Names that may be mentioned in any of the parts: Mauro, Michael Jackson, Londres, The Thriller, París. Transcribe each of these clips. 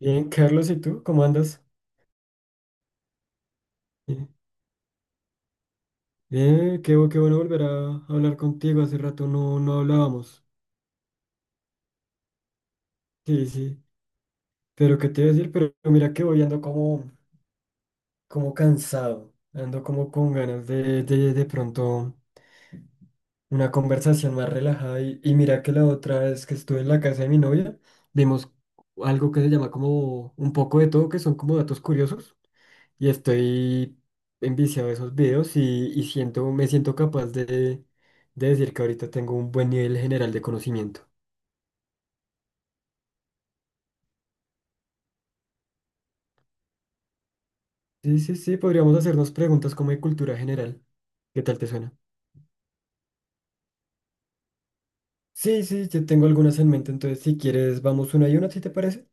Bien, Carlos, ¿y tú? ¿Cómo andas? Bien, bien, qué bueno volver a hablar contigo. Hace rato no, no hablábamos. Sí, sí. Pero qué te iba a decir, pero mira que voy ando como cansado. Ando como con ganas de pronto una conversación más relajada. Y mira que la otra vez que estuve en la casa de mi novia, vimos algo que se llama como un poco de todo, que son como datos curiosos. Y estoy enviciado de esos videos me siento capaz de decir que ahorita tengo un buen nivel general de conocimiento. Sí, sí, sí, podríamos hacernos preguntas como de cultura general. ¿Qué tal te suena? Sí, sí, yo tengo algunas en mente, entonces si quieres vamos una y una, ¿si te parece?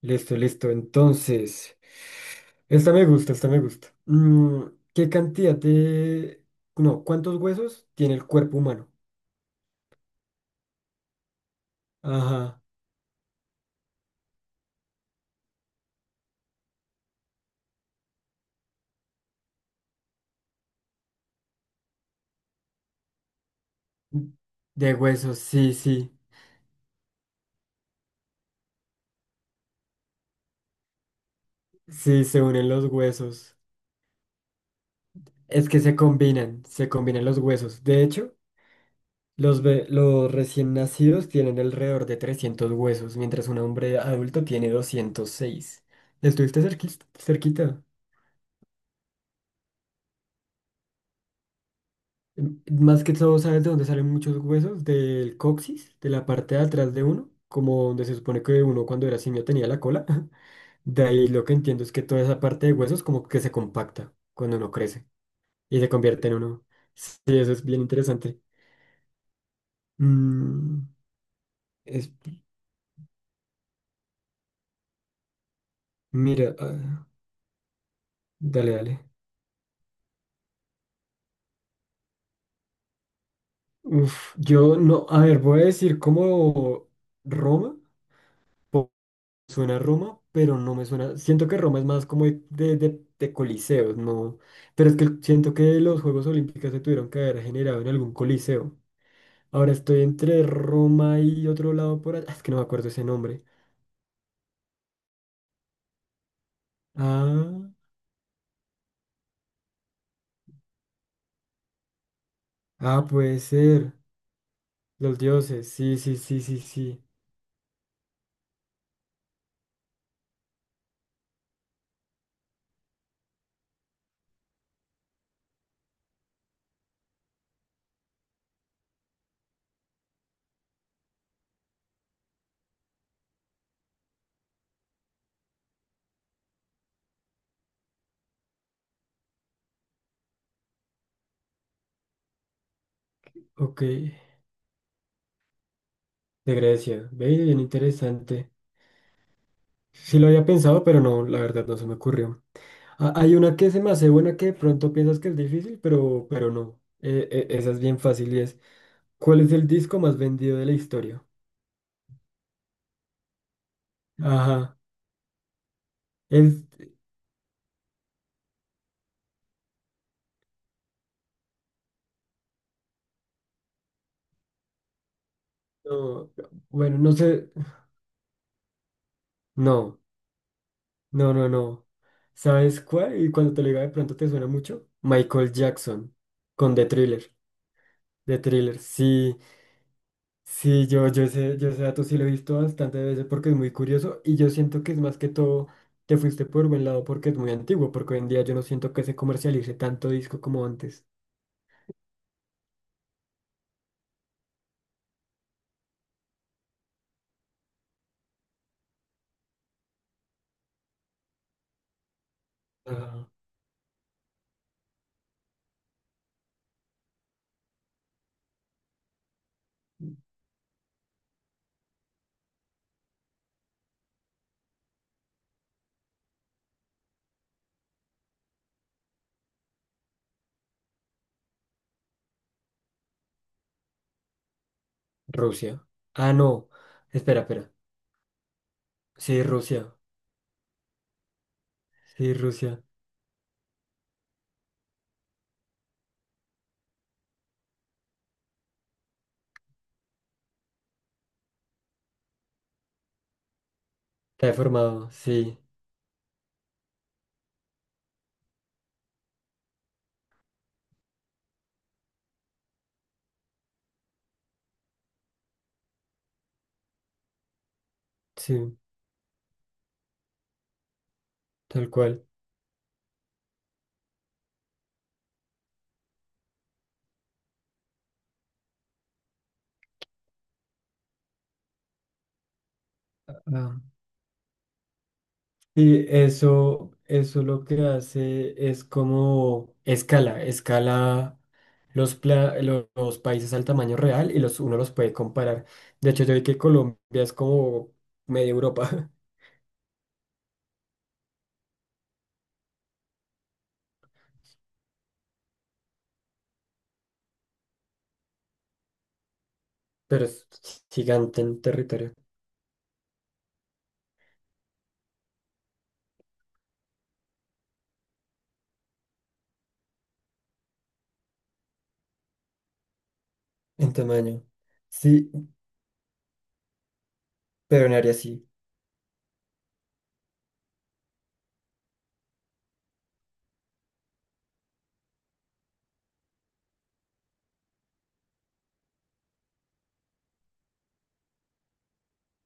Listo, listo. Entonces, esta me gusta, esta me gusta. ¿Qué cantidad de? No, ¿cuántos huesos tiene el cuerpo humano? Ajá. De huesos, sí, sí. Sí, se unen los huesos. Es que se combinan los huesos. De hecho, los recién nacidos tienen alrededor de 300 huesos, mientras un hombre adulto tiene 206. ¿Estuviste cerquita? M- Más que todo, ¿sabes de dónde salen muchos huesos? Del coxis, de la parte de atrás de uno, como donde se supone que uno cuando era simio tenía la cola. De ahí lo que entiendo es que toda esa parte de huesos como que se compacta cuando uno crece y se convierte en uno. Sí, eso es bien interesante. Mm, es, mira, ah, dale, dale. Uf, yo no, a ver, voy a decir como Roma, po- suena a Roma, pero no me suena, siento que Roma es más como de coliseos, no, pero es que siento que los Juegos Olímpicos se tuvieron que haber generado en algún coliseo. Ahora estoy entre Roma y otro lado por allá, es que no me acuerdo ese nombre. Ah, ah, puede ser, los dioses, sí, sí, sí, sí, sí, ok. De Grecia. Ve, bien interesante. Sí lo había pensado, pero no, la verdad no se me ocurrió. Ah, hay una que se me hace buena que de pronto piensas que es difícil, pero no. Esa es bien fácil y es, ¿cuál es el disco más vendido de la historia? Ajá. Es, no, bueno, no sé. No, no, no, no. ¿Sabes cuál? Y cuando te lo diga de pronto te suena mucho. Michael Jackson, con The Thriller. The Thriller, sí. Sí, yo ese dato sí lo he visto bastante veces porque es muy curioso y yo siento que es más que todo, te fuiste por buen lado porque es muy antiguo, porque hoy en día yo no siento que se comercialice tanto disco como antes. Ah, Rusia. Ah, no. Espera, espera. Sí, Rusia. Sí, Rusia. Está deformado. Sí, sí, tal cual. Sí, eso lo que hace es como escala los países al tamaño real y uno los puede comparar. De hecho, yo vi que Colombia es como media Europa, pero es gigante en territorio, en tamaño. Sí, pero en área sí.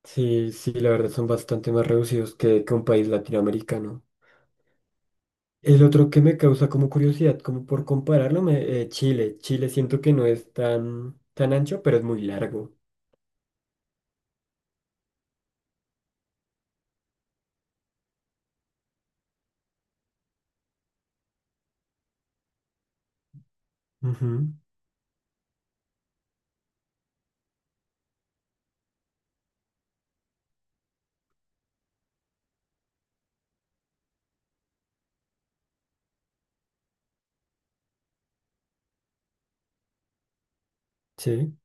Sí, sí, la verdad son bastante más reducidos que un país latinoamericano. El otro que me causa como curiosidad, como por compararlo, Chile. Chile siento que no es tan, tan ancho, pero es muy largo. Ujú. Sí,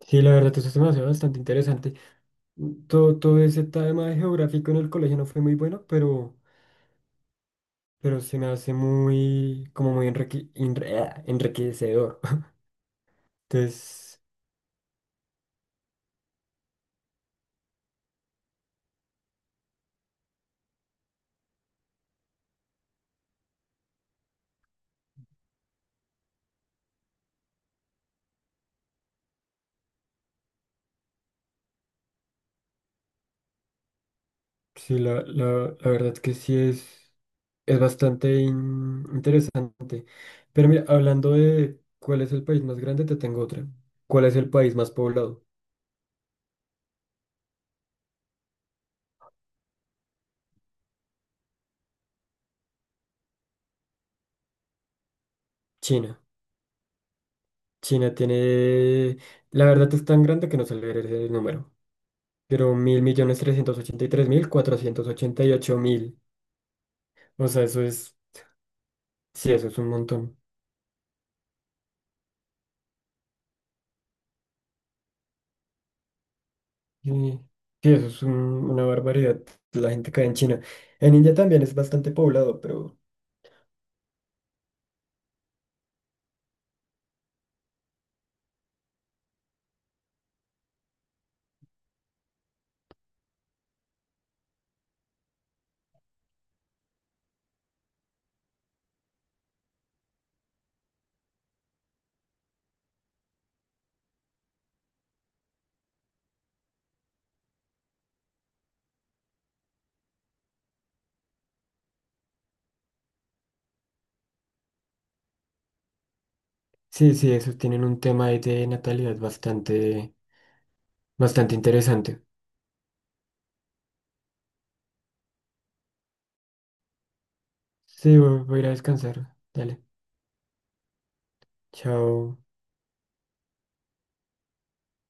sí, la verdad, eso se me hace bastante interesante. Todo, todo ese tema de geográfico en el colegio no fue muy bueno, pero se me hace muy enriquecedor. Entonces, sí, la verdad que sí es bastante interesante. Pero mira, hablando de cuál es el país más grande, te tengo otra. ¿Cuál es el país más poblado? China. China tiene, la verdad es tan grande que no se le merece el número, pero mil millones trescientos ochenta y tres mil cuatrocientos ochenta y ocho mil. O sea, eso es, sí, eso es un montón. Y- Sí, eso es una barbaridad. La gente cae en China. En India también es bastante poblado, pero... Sí, sí, esos tienen un tema ahí de natalidad bastante, bastante interesante. Sí, voy a ir a descansar. Dale, chao.